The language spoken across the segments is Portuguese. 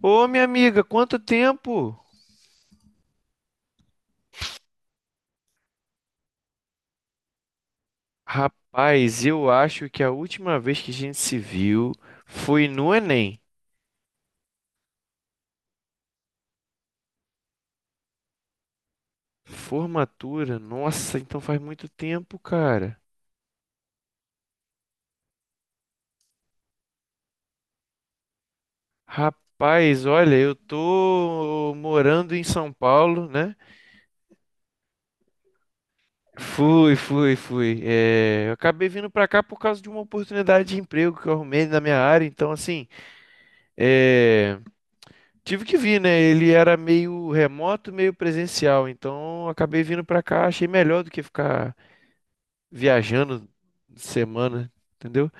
Ô, minha amiga, quanto tempo? Rapaz, eu acho que a última vez que a gente se viu foi no Enem. Formatura, nossa, então faz muito tempo, cara. Rapaz, olha, eu tô morando em São Paulo, né? Fui, fui, fui. É, eu acabei vindo pra cá por causa de uma oportunidade de emprego que eu arrumei na minha área, então assim, é, tive que vir, né? Ele era meio remoto, meio presencial. Então acabei vindo pra cá, achei melhor do que ficar viajando semana, entendeu?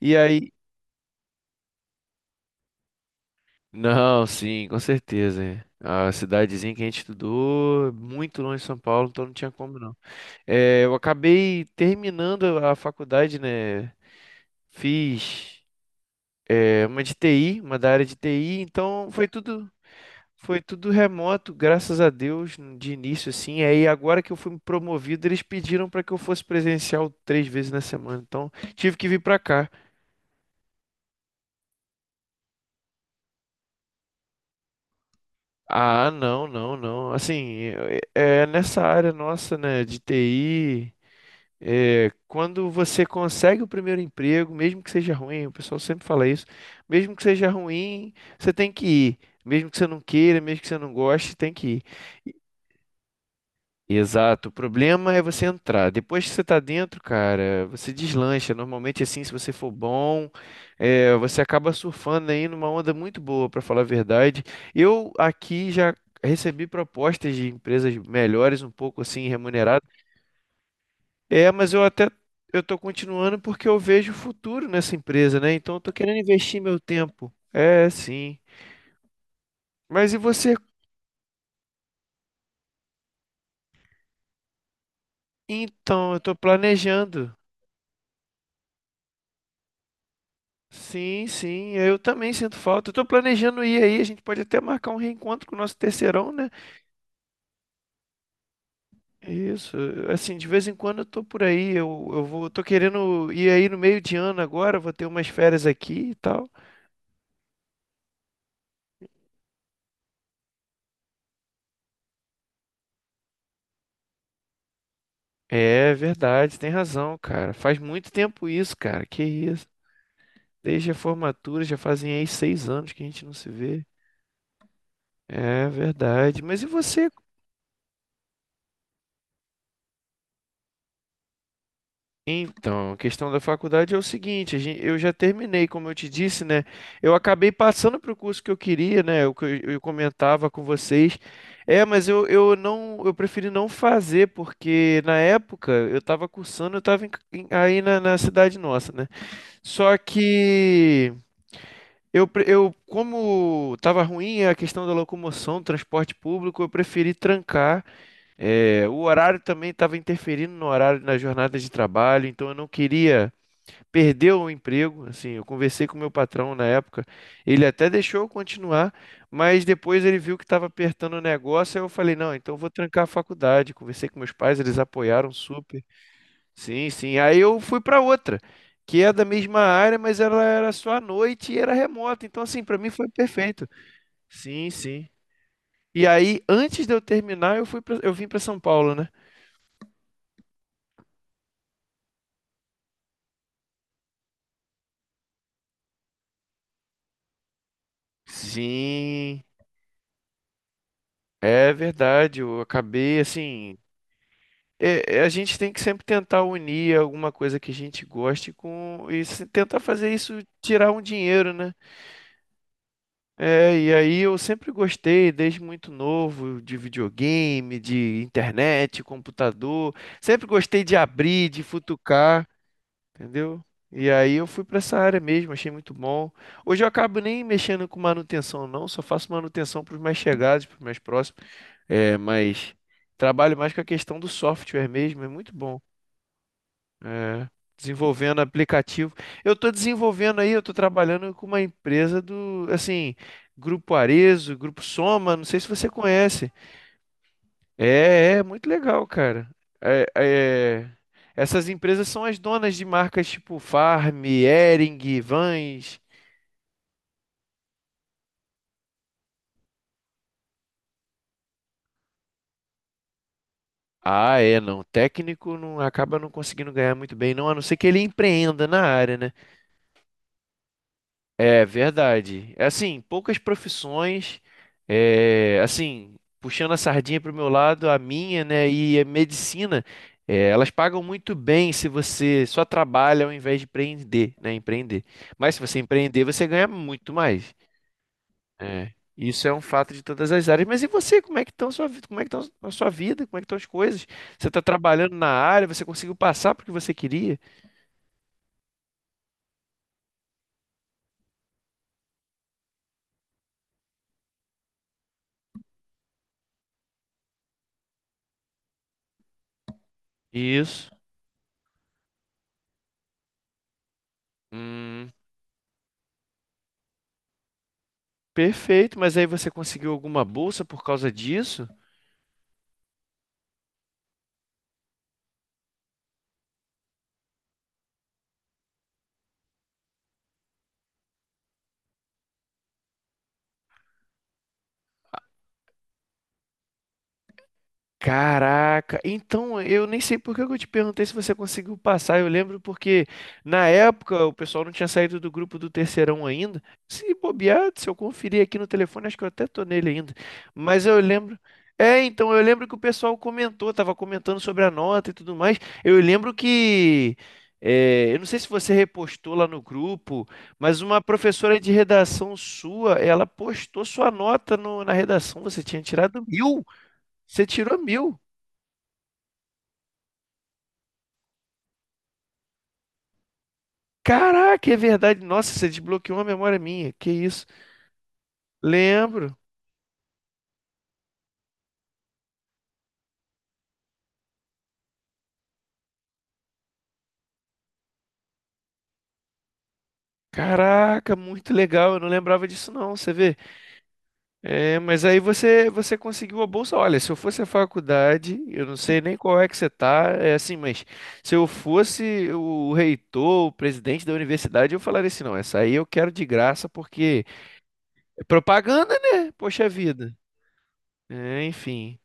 E aí. Não, sim, com certeza. É. A cidadezinha que a gente estudou, muito longe de São Paulo, então não tinha como não. É, eu acabei terminando a faculdade, né? Fiz, uma de TI, uma da área de TI, então foi tudo. Foi tudo remoto, graças a Deus, de início assim. Aí agora que eu fui promovido, eles pediram para que eu fosse presencial 3 vezes na semana. Então, tive que vir para cá. Ah, não, não, não. Assim, é nessa área nossa, né, de TI, quando você consegue o primeiro emprego, mesmo que seja ruim, o pessoal sempre fala isso, mesmo que seja ruim, você tem que ir. Mesmo que você não queira, mesmo que você não goste, tem que ir. Exato. O problema é você entrar. Depois que você tá dentro, cara, você deslancha. Normalmente, assim, se você for bom, você acaba surfando aí numa onda muito boa, pra falar a verdade. Eu aqui já recebi propostas de empresas melhores, um pouco assim remuneradas. É, mas eu tô continuando porque eu vejo futuro nessa empresa, né? Então, eu tô querendo investir meu tempo. É, sim. Mas e você? Então, eu tô planejando. Sim, sim, eu também sinto falta. Eu tô planejando ir aí, a gente pode até marcar um reencontro com o nosso terceirão, né? Isso, assim, de vez em quando eu tô por aí, tô querendo ir aí no meio de ano agora, vou ter umas férias aqui e tal. É verdade, tem razão, cara. Faz muito tempo isso, cara, que isso. Desde a formatura, já fazem aí 6 anos que a gente não se vê. É verdade. Mas e você? Então, a questão da faculdade é o seguinte, eu já terminei, como eu te disse, né? Eu acabei passando para o curso que eu queria, né? O que eu comentava com vocês. É, mas eu preferi não fazer, porque na época eu estava cursando, eu estava aí na cidade nossa, né? Só que eu como estava ruim a questão da locomoção, transporte público, eu preferi trancar. É, o horário também estava interferindo no horário, na jornada de trabalho, então eu não queria perder o emprego. Assim, eu conversei com o meu patrão na época, ele até deixou eu continuar, mas depois ele viu que estava apertando o negócio, aí eu falei, não, então eu vou trancar a faculdade. Conversei com meus pais, eles apoiaram super. Sim, sim. Aí eu fui para outra, que é da mesma área, mas ela era só à noite e era remota. Então, assim, para mim foi perfeito. Sim, sim. E aí, antes de eu terminar, eu vim para São Paulo, né? Sim, é verdade. Eu acabei assim. A gente tem que sempre tentar unir alguma coisa que a gente goste com e se tentar fazer isso tirar um dinheiro, né? É, e aí eu sempre gostei, desde muito novo, de videogame, de internet, computador. Sempre gostei de abrir, de futucar, entendeu? E aí eu fui para essa área mesmo, achei muito bom. Hoje eu acabo nem mexendo com manutenção, não, só faço manutenção para os mais chegados, para os mais próximos. É, mas trabalho mais com a questão do software mesmo, é muito bom. É, desenvolvendo aplicativo. Eu estou desenvolvendo aí, eu estou trabalhando com uma empresa do, assim, Grupo Arezo, Grupo Soma, não sei se você conhece. É, é muito legal, cara. É, é, essas empresas são as donas de marcas tipo Farm, Hering, Vans. Ah, é, não. Técnico não acaba não conseguindo ganhar muito bem, não, a não ser que ele empreenda na área, né? É verdade. É, assim, poucas profissões, assim, puxando a sardinha para o meu lado, a minha, né, e a medicina, elas pagam muito bem se você só trabalha ao invés de empreender, né, empreender. Mas se você empreender, você ganha muito mais. É, isso é um fato de todas as áreas. Mas e você, como é que estão sua, vida? Como é que estão a sua vida? Como é que estão as coisas? Você está trabalhando na área, você conseguiu passar porque você queria? Isso. Hum. Perfeito, mas aí você conseguiu alguma bolsa por causa disso? Caraca, então eu nem sei por que que eu te perguntei se você conseguiu passar. Eu lembro porque na época o pessoal não tinha saído do grupo do terceirão ainda. Se bobear, se eu conferir aqui no telefone, acho que eu até tô nele ainda. Mas eu lembro. É, então eu lembro que o pessoal comentou, tava comentando sobre a nota e tudo mais. Eu lembro que. Eu não sei se você repostou lá no grupo, mas uma professora de redação sua, ela postou sua nota na redação. Você tinha tirado 1.000. Você tirou 1.000. Caraca, é verdade. Nossa, você desbloqueou uma memória minha. Que isso? Lembro. Caraca, muito legal. Eu não lembrava disso não, você vê. É, mas aí você conseguiu a bolsa. Olha, se eu fosse a faculdade, eu não sei nem qual é que você tá, é assim, mas se eu fosse o reitor, o presidente da universidade, eu falaria assim, não, essa aí eu quero de graça porque é propaganda, né? Poxa vida. É, enfim.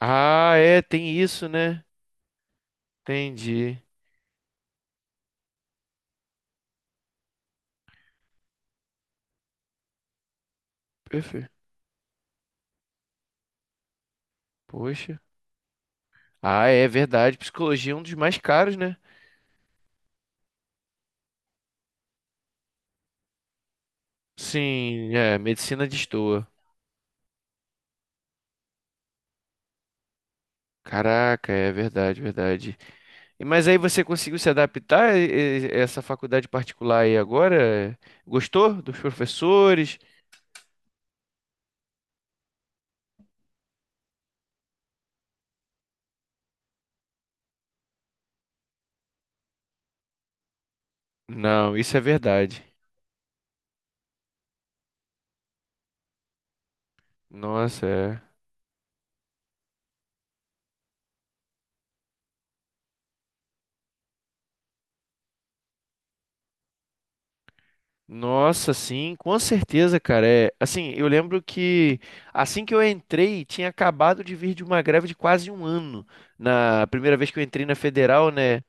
Ah, é, tem isso, né? Entendi. Perfeito. Poxa. Ah, é verdade. Psicologia é um dos mais caros, né? Sim, é. Medicina destoa. Caraca, é verdade, verdade. Mas aí você conseguiu se adaptar a essa faculdade particular aí agora? Gostou dos professores? Não, isso é verdade. Nossa, é. Nossa, sim, com certeza, cara. É, assim, eu lembro que assim que eu entrei, tinha acabado de vir de uma greve de quase um ano. Na primeira vez que eu entrei na federal, né?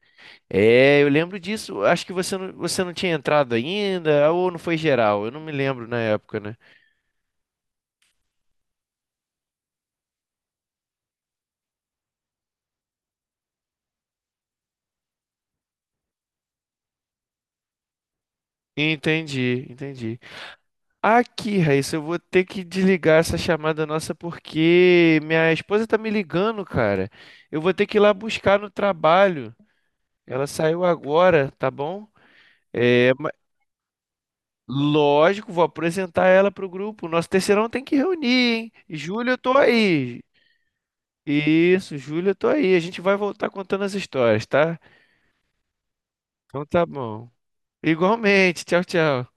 É, eu lembro disso. Acho que você não tinha entrado ainda, ou não foi geral. Eu não me lembro na época, né? Entendi, entendi. Aqui, Raíssa, eu vou ter que desligar essa chamada nossa porque minha esposa tá me ligando, cara. Eu vou ter que ir lá buscar no trabalho. Ela saiu agora, tá bom? É, lógico, vou apresentar ela pro grupo. Nosso terceirão tem que reunir, hein? Júlio, eu tô aí. Isso, Júlio, eu tô aí. A gente vai voltar contando as histórias, tá? Então tá bom. Igualmente. Tchau, tchau.